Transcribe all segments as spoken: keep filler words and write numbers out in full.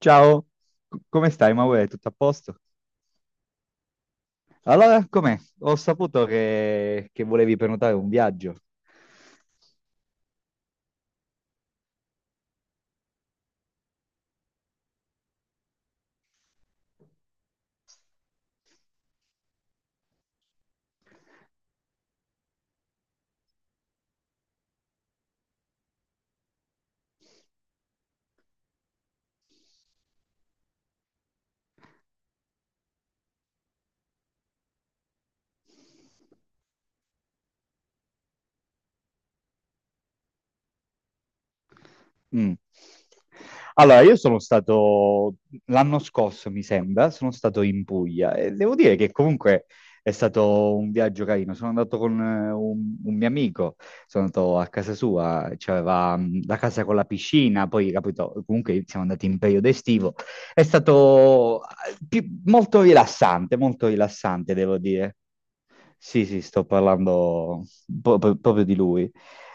Ciao, c- come stai, Maure? Tutto a posto? Allora, com'è? Ho saputo che, che volevi prenotare un viaggio. Mm. Allora, io sono stato l'anno scorso, mi sembra, sono stato in Puglia e devo dire che comunque è stato un viaggio carino. Sono andato con eh, un, un mio amico, sono andato a casa sua, c'aveva mh, la casa con la piscina, poi capito, comunque siamo andati in periodo estivo. È stato eh, pi- molto rilassante, molto rilassante, devo dire. Sì, sì, sto parlando po- po- proprio di lui.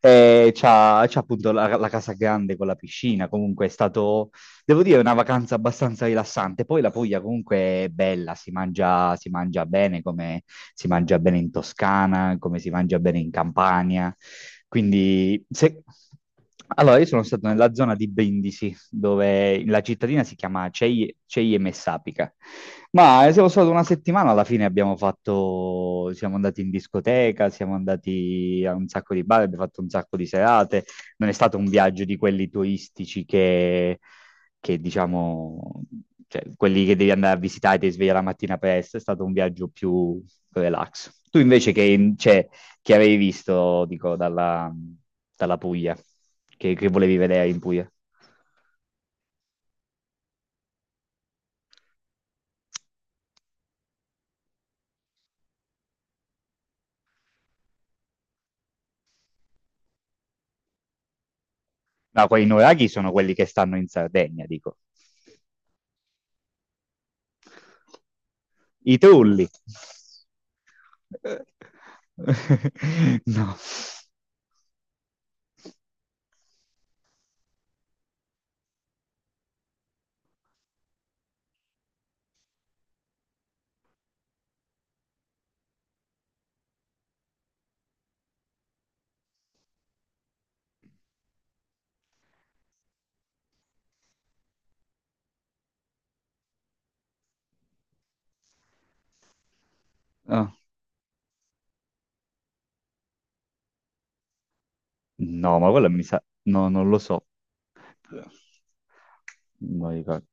Eh, c'ha, c'ha appunto la, la casa grande con la piscina, comunque è stato. Devo dire, è una vacanza abbastanza rilassante. Poi la Puglia comunque è bella, si mangia, si mangia bene, come si mangia bene in Toscana, come si mangia bene in Campania. Quindi, se... Allora, io sono stato nella zona di Brindisi, dove la cittadina si chiama Cei- Ceie Messapica. Ma siamo stati una settimana, alla fine abbiamo fatto, siamo andati in discoteca, siamo andati a un sacco di bar, abbiamo fatto un sacco di serate, non è stato un viaggio di quelli turistici che, che diciamo, cioè, quelli che devi andare a visitare e ti svegli la mattina presto, è stato un viaggio più relax. Tu invece che, cioè, che avevi visto, dico, dalla, dalla Puglia, che, che volevi vedere in Puglia? No, quei nuraghi sono quelli che stanno in Sardegna, dico. I trulli. No. No. No, ma quella mi sa... No, non lo so. Non ricordo.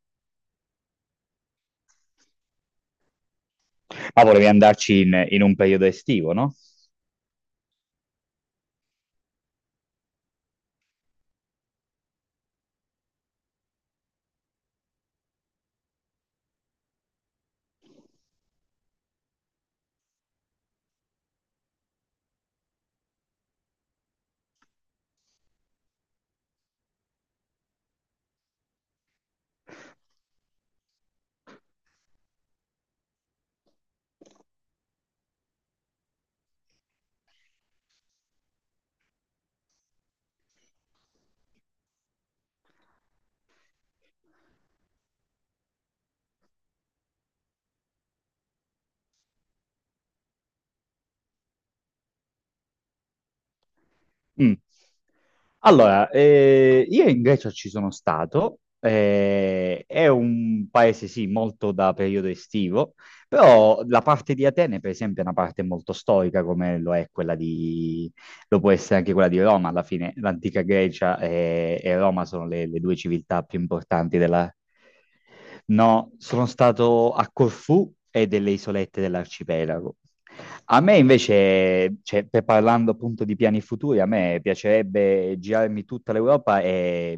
Ma volevi andarci in, in un periodo estivo, no? Mm. Allora, eh, io in Grecia ci sono stato, eh, è un paese sì molto da periodo estivo, però la parte di Atene per esempio è una parte molto storica come lo è quella di, lo può essere anche quella di Roma, alla fine l'antica Grecia e, e Roma sono le, le due civiltà più importanti della... No, sono stato a Corfù e delle isolette dell'arcipelago. A me invece, cioè, per- parlando appunto di piani futuri, a me piacerebbe girarmi tutta l'Europa e,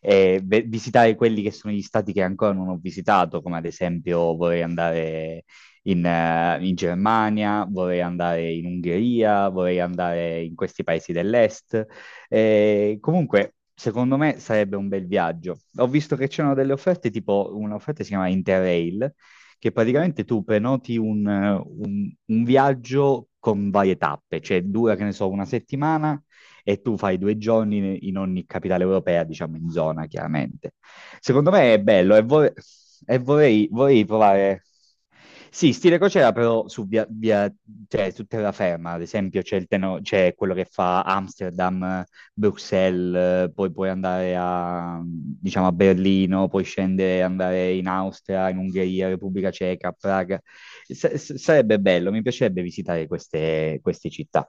e ve- visitare quelli che sono gli stati che ancora non ho visitato, come ad esempio vorrei andare in, eh, in Germania, vorrei andare in Ungheria, vorrei andare in questi paesi dell'est. Eh, comunque, secondo me sarebbe un bel viaggio. Ho visto che c'erano delle offerte, tipo un'offerta che si chiama Interrail, che praticamente tu prenoti un, un- un viaggio con varie tappe, cioè dura, che ne so, una settimana e tu fai due giorni in, in ogni capitale europea, diciamo in zona, chiaramente. Secondo me è bello e, vor- e vorrei, vorrei provare. Sì, stile crociera, però su, via, via- cioè, su terraferma, ad esempio, c'è, il teno- c'è quello che fa Amsterdam, Bruxelles, poi puoi andare a, diciamo, a Berlino, poi scendere, andare in Austria, in Ungheria, Repubblica Ceca, Praga. S- s- sarebbe bello, mi piacerebbe visitare queste, queste città.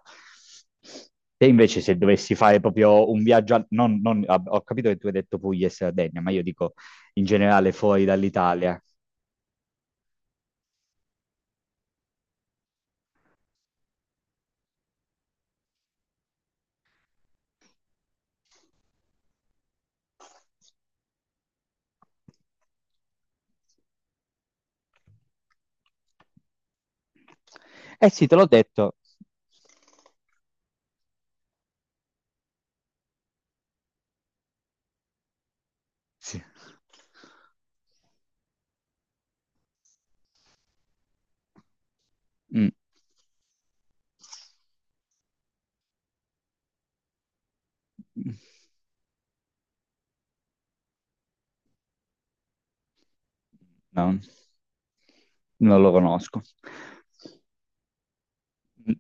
Te invece se dovessi fare proprio un viaggio, al- non, non- ah, ho capito che tu hai detto Puglia e Sardegna, ma io dico in generale fuori dall'Italia. Eh sì, te l'ho detto. Sì. Mm. Non, non lo conosco.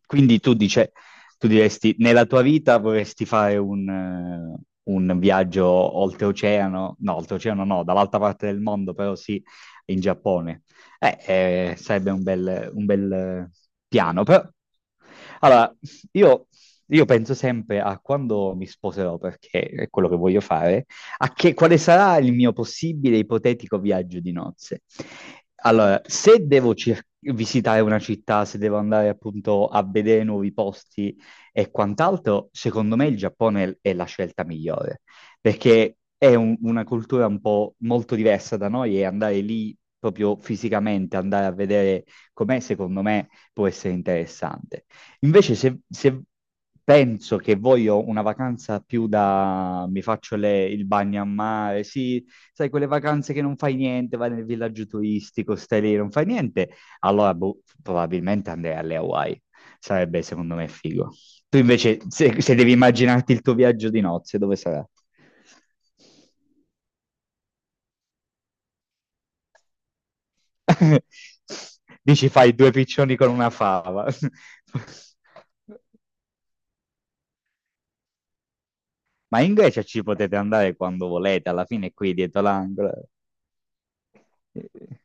Quindi tu dice, tu diresti, nella tua vita vorresti fare un, eh, un viaggio oltreoceano, no, oltreoceano no, dall'altra parte del mondo, però sì, in Giappone. Eh, eh, sarebbe un bel, un bel eh, piano, però... Allora, io, io penso sempre a quando mi sposerò, perché è quello che voglio fare, a che, quale sarà il mio possibile ipotetico viaggio di nozze. Allora, se devo cir- visitare una città, se devo andare appunto a vedere nuovi posti e quant'altro, secondo me il Giappone è la scelta migliore, perché è un- una cultura un po' molto diversa da noi e andare lì proprio fisicamente, andare a vedere com'è, secondo me può essere interessante. Invece se, se penso che voglio una vacanza più da... mi faccio le- il bagno a mare, sì, sai, quelle vacanze che non fai niente, vai nel villaggio turistico, stai lì, non fai niente, allora boh, probabilmente andrei alle Hawaii. Sarebbe secondo me figo. Tu invece, se, se devi immaginarti il tuo viaggio di nozze, dove sarà? Dici fai due piccioni con una fava. Ma in Grecia ci potete andare quando volete, alla fine è qui dietro l'angolo. Eh,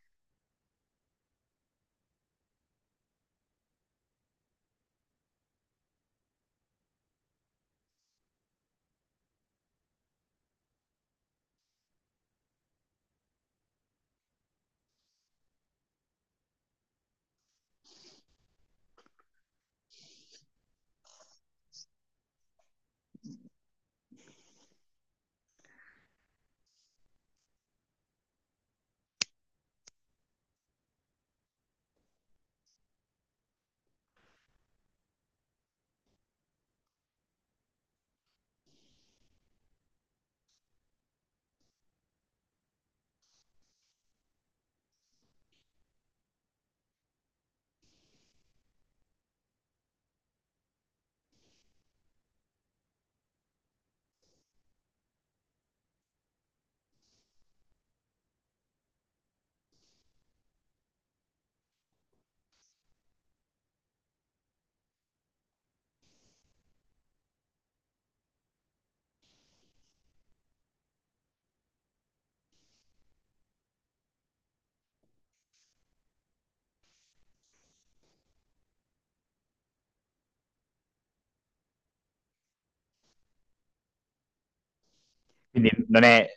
Quindi non è.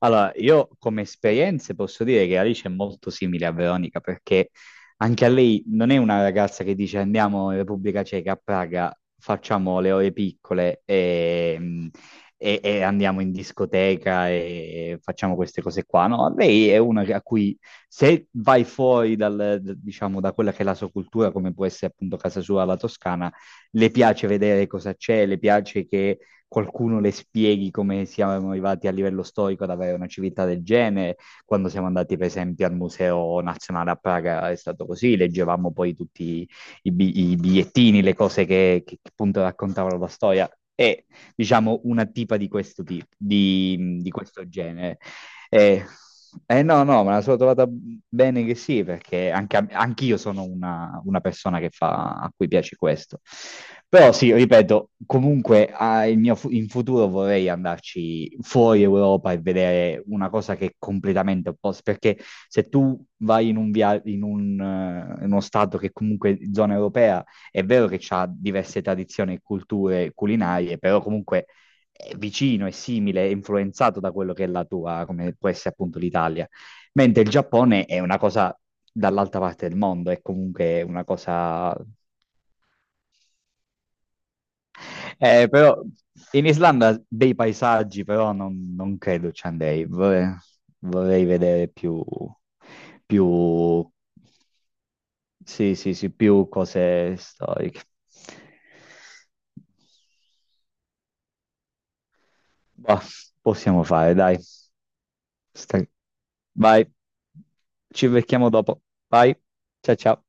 Allora, io come esperienze posso dire che Alice è molto simile a Veronica perché anche a lei non è una ragazza che dice andiamo in Repubblica Ceca a Praga, facciamo le ore piccole e, e- e andiamo in discoteca e facciamo queste cose qua. No, lei è una a cui se vai fuori dal, diciamo, da quella che è la sua cultura, come può essere appunto casa sua, la Toscana, le piace vedere cosa c'è, le piace che qualcuno le spieghi come siamo arrivati a livello storico ad avere una civiltà del genere. Quando siamo andati, per esempio, al Museo Nazionale a Praga è stato così, leggevamo poi tutti i, bi- i bigliettini, le cose che, che appunto raccontavano la storia. È, diciamo, una tipa di questo tipo, di, di questo genere. Eh, eh, no, no, me la sono trovata bene che sì, perché anche a- anch'io sono una, una persona che fa, a cui piace questo. Però sì, ripeto, comunque ah, il mio fu- in futuro vorrei andarci fuori Europa e vedere una cosa che è completamente opposta, perché se tu vai in un via- in un, eh, in uno stato che è comunque zona europea, è vero che ha diverse tradizioni e culture culinarie, però comunque è vicino e simile, è influenzato da quello che è la tua, come può essere appunto l'Italia. Mentre il Giappone è una cosa dall'altra parte del mondo, è comunque una cosa... Eh, però in Islanda dei paesaggi, però non, non credo ci andrei, vorrei, vorrei vedere più, più, sì, sì, sì, più cose storiche. Bah, possiamo fare, dai. Stai- Vai, ci becchiamo dopo. Vai, ciao ciao.